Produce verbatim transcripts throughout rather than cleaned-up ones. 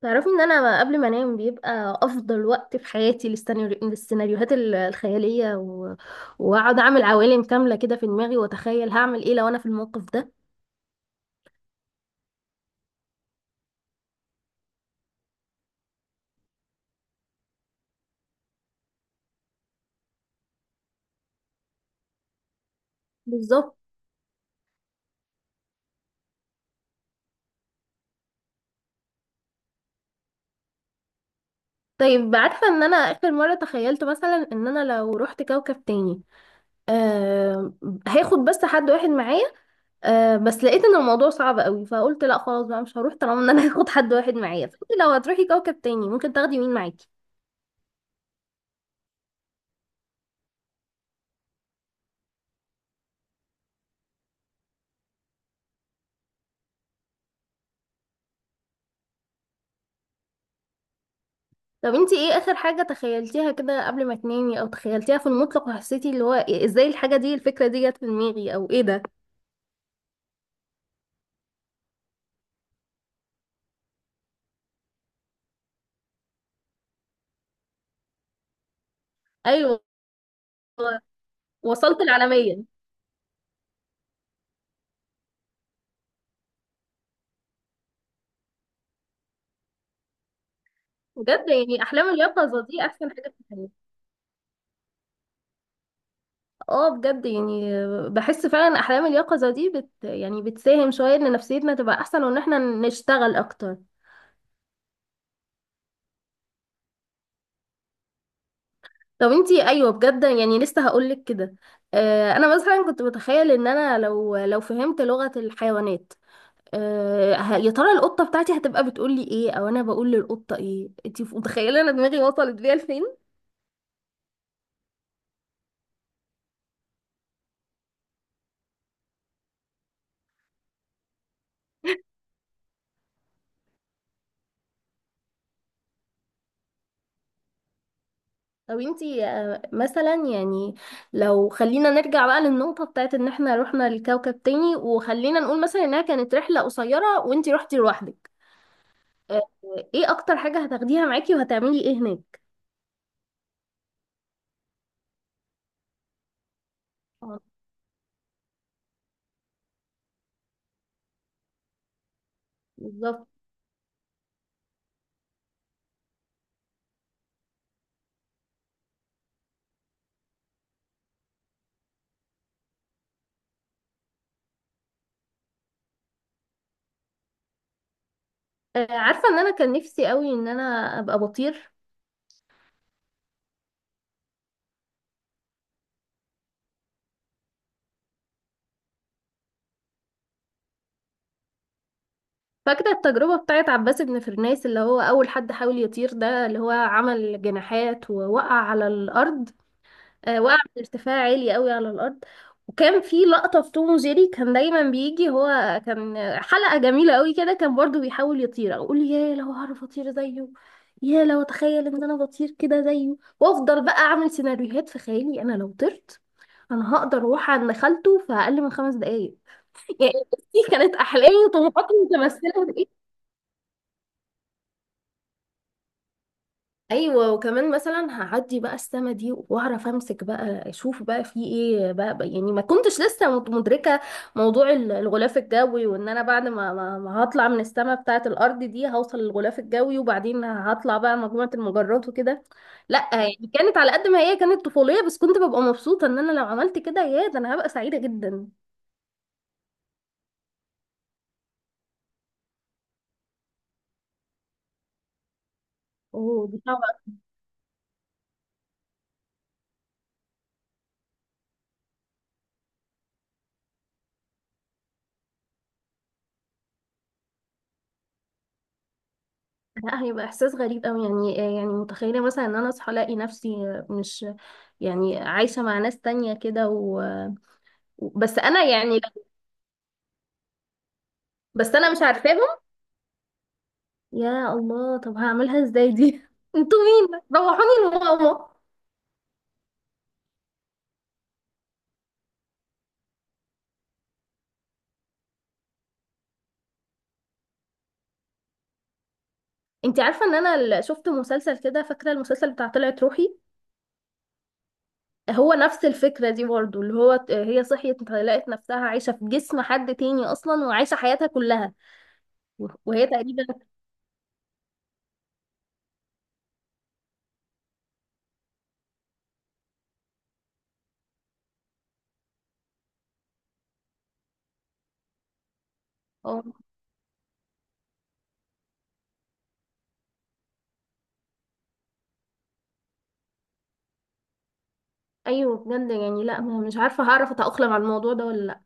تعرفي ان انا قبل ما انام بيبقى افضل وقت في حياتي للسيناريو- للسيناريوهات ال- الخياليه و... واقعد اعمل عوالم كامله كده في دماغي واتخيل هعمل ايه لو انا في الموقف ده بالظبط. طيب، عارفه ان انا اخر مره تخيلت مثلا ان انا لو رحت كوكب تاني آه... هاخد بس حد واحد معايا. آه... بس لقيت ان الموضوع صعب قوي، فقلت لا خلاص بقى مش هروح طالما ان انا هاخد حد واحد معايا. فانت لو هتروحي كوكب تاني ممكن تاخدي مين معاكي؟ طب انتي ايه اخر حاجة تخيلتيها كده قبل ما تنامي او تخيلتيها في المطلق وحسيتي اللي هو إيه- ازاي الحاجة دي، الفكرة دي جت في دماغي، او ايه ده؟ ايوه، وصلت العالمية. بجد يعني احلام اليقظة دي احسن حاجة في الحياة. اه بجد يعني، بحس فعلا احلام اليقظة دي بت يعني بتساهم شوية ان نفسيتنا تبقى احسن وان احنا نشتغل اكتر. طب انتي، ايوه بجد يعني لسه هقولك كده. آه، انا مثلا كنت بتخيل ان انا لو لو فهمت لغة الحيوانات. أه ه- يا ترى القطة بتاعتي هتبقى بتقول لي ايه، او انا بقول للقطة ايه؟ انتي ف- متخيلة انا دماغي وصلت بيها لفين. طب انتي آه، مثلا يعني لو خلينا نرجع بقى للنقطة بتاعت ان احنا رحنا لكوكب تاني، وخلينا نقول مثلا انها كانت رحلة قصيرة وانتي رحتي لوحدك. أه ايه اكتر حاجة هتاخديها معاكي وهتعملي ايه هناك؟ آه، بالظبط. أه عارفة ان انا كان نفسي قوي ان انا ابقى بطير. فاكرة التجربة بتاعت عباس بن فرناس اللي هو أول حد حاول يطير ده، اللي هو عمل جناحات ووقع على الأرض. آه وقع من ارتفاع عالي قوي على الأرض. وكان في لقطة في توم وجيري كان دايما بيجي هو. كان حلقة جميلة قوي كده، كان برضو بيحاول يطير، أقول يا لو هعرف أطير زيه، يا لو أتخيل إن أنا بطير كده زيه، وأفضل بقى أعمل سيناريوهات في خيالي أنا لو طرت. أنا هقدر أروح عند خالته في أقل من خمس دقايق. يعني دي كانت أحلامي وطموحاتي متمثلة. ايوه، وكمان مثلا هعدي بقى السما دي واعرف امسك بقى، اشوف بقى في ايه بقى, بقى يعني ما كنتش لسه مد- مدركه موضوع ال- الغلاف الجوي، وان انا بعد ما, ما, ما هطلع من السما بتاعه الارض دي هوصل للغلاف الجوي وبعدين هطلع بقى مجموعه المجرات وكده. لا يعني كانت على قد ما هي كانت طفوليه، بس كنت ببقى مبسوطه ان انا لو عملت كده، يا ده انا هبقى سعيده جدا. اوه دي! لا هيبقى احساس غريب قوي، يعني يعني متخيله مثلا ان انا اصحى الاقي نفسي مش يعني عايشه مع ناس تانية كده و... بس انا يعني، بس انا مش عارفاهم. يا الله، طب هعملها ازاي دي؟ انتوا مين؟ روحوني لماما. انت عارفه ان انا ال- شفت مسلسل كده، فاكره المسلسل بتاع طلعت روحي؟ هو نفس الفكره دي برضو، اللي هو ت- هي صحيت لقت نفسها عايشه في جسم حد تاني اصلا، وعايشه حياتها كلها. وهي تقريبا. آه. ايوه بجد يعني، لا ما- مش عارفه هعرف اتاقلم على الموضوع ده ولا لا.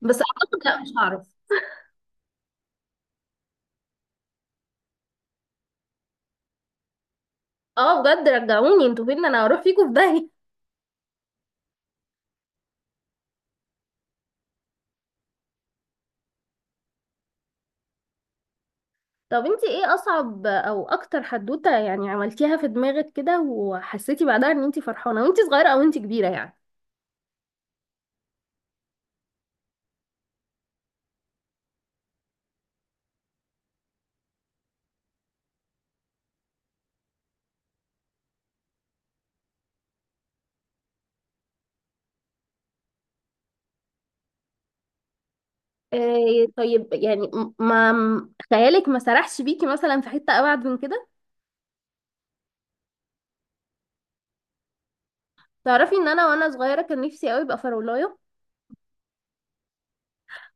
بس اعتقد لا مش هعرف. اه بجد رجعوني، انتوا فين؟ انا هروح فيكم في داهيه. طب انتي ايه اصعب او اكتر حدوته يعني عملتيها في دماغك كده وحسيتي بعدها ان انتي فرحانه، وانتي صغيره او انتي كبيره يعني؟ إيه طيب يعني م- ما م- خيالك ما سرحش بيكي مثلا في حته ابعد من كده؟ تعرفي ان انا وانا صغيره كان نفسي قوي ابقى فرولايه.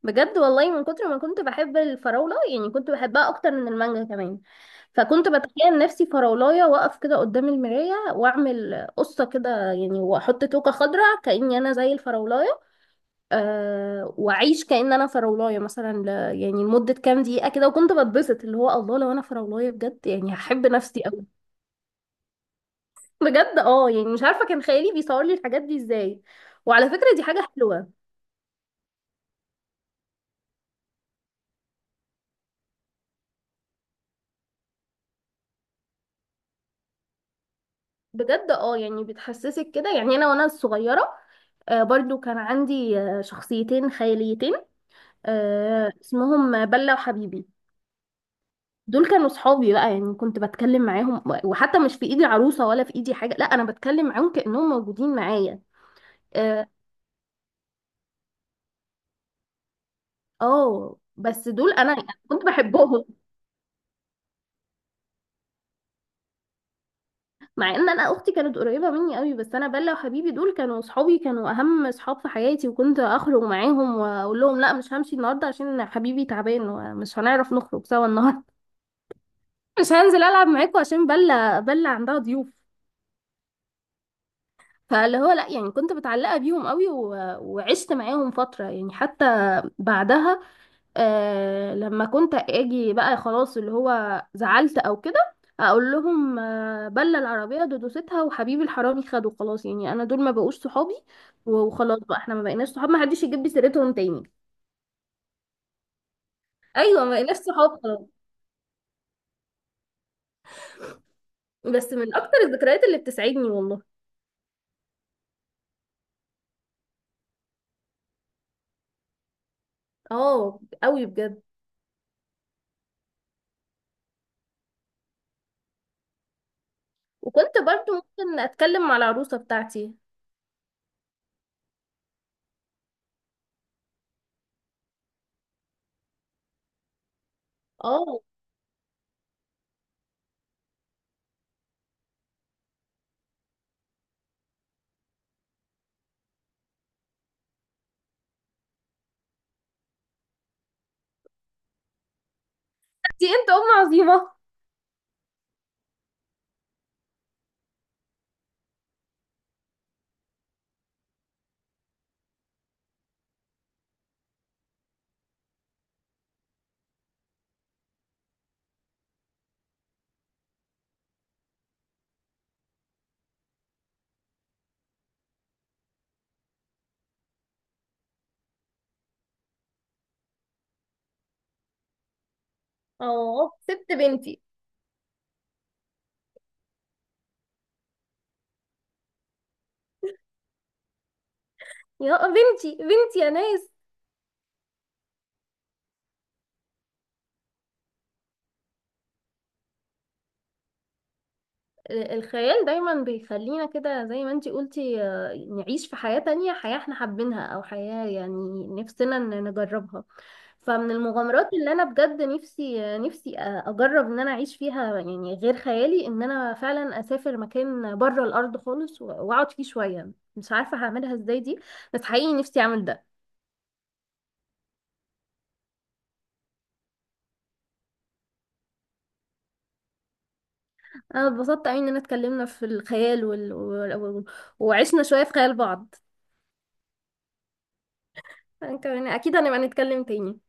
بجد والله من كتر ما كنت بحب الفراولة، يعني كنت بحبها أكتر من المانجا كمان. فكنت بتخيل نفسي فراولاية واقف كده قدام المراية وأعمل قصة كده يعني، وأحط توكة خضراء كأني أنا زي الفراولاية. أه وأعيش كأن أنا فراولاية مثلا ل- يعني لمدة كام دقيقة كده، وكنت بتبسط اللي هو الله لو أنا فراولاية بجد، يعني هحب نفسي أوي. بجد اه يعني مش عارفة كان خيالي بيصور لي الحاجات دي ازاي. وعلى فكرة دي حاجة حلوة. بجد اه يعني بتحسسك كده. يعني انا وانا صغيره آه، برضو كان عندي آه، شخصيتين خياليتين، آه، اسمهم بلة وحبيبي. دول كانوا صحابي بقى، يعني كنت بتكلم معاهم وحتى مش في ايدي عروسة ولا في ايدي حاجة، لا انا بتكلم معاهم كأنهم موجودين معايا. اه، آه، بس دول انا كنت بحبهم. مع ان انا اختي كانت قريبه مني قوي، بس انا بلا وحبيبي دول كانوا صحابي، كانوا اهم صحاب في حياتي، وكنت اخرج معاهم واقول لهم لا مش همشي النهارده عشان حبيبي تعبان ومش هنعرف نخرج سوا النهارده. مش هنزل العب معاكم عشان بلا بلا عندها ضيوف. فاللي هو لا يعني كنت متعلقه بيهم قوي، و... وعشت معاهم فتره يعني حتى بعدها. آه لما كنت اجي بقى خلاص اللي هو زعلت او كده، اقول لهم آه بلى العربيه دودوستها وحبيبي الحرامي خده خلاص، يعني انا دول ما بقوش صحابي، وخلاص بقى احنا ما بقيناش صحاب، ما حدش يجيب لي سيرتهم تاني. ايوه ما بقيناش صحاب خلاص. بس من اكتر الذكريات اللي بتسعدني والله. اه قوي بجد. وكنت برضو ممكن اتكلم مع العروسه بتاعتي. اه انت انت ام عظيمه. اه سبت بنتي. يا بنتي، بنتي يا ناس. آه، الخيال دايما بيخلينا كده زي ما انتي قلتي آه، نعيش في حياة تانية، حياة احنا حابينها او حياة يعني نفسنا ان نجربها. فمن المغامرات اللي انا بجد نفسي آه، نفسي آه، اجرب ان انا اعيش فيها، يعني غير خيالي، ان انا فعلا اسافر مكان بره الارض خالص و- واقعد فيه شوية. مش عارفة هعملها ازاي دي، بس حقيقي نفسي اعمل ده. انا اتبسطت قوي اننا اتكلمنا في الخيال وال... و... و... وعشنا شوية في خيال بعض. كمان اكيد هنبقى نتكلم تاني.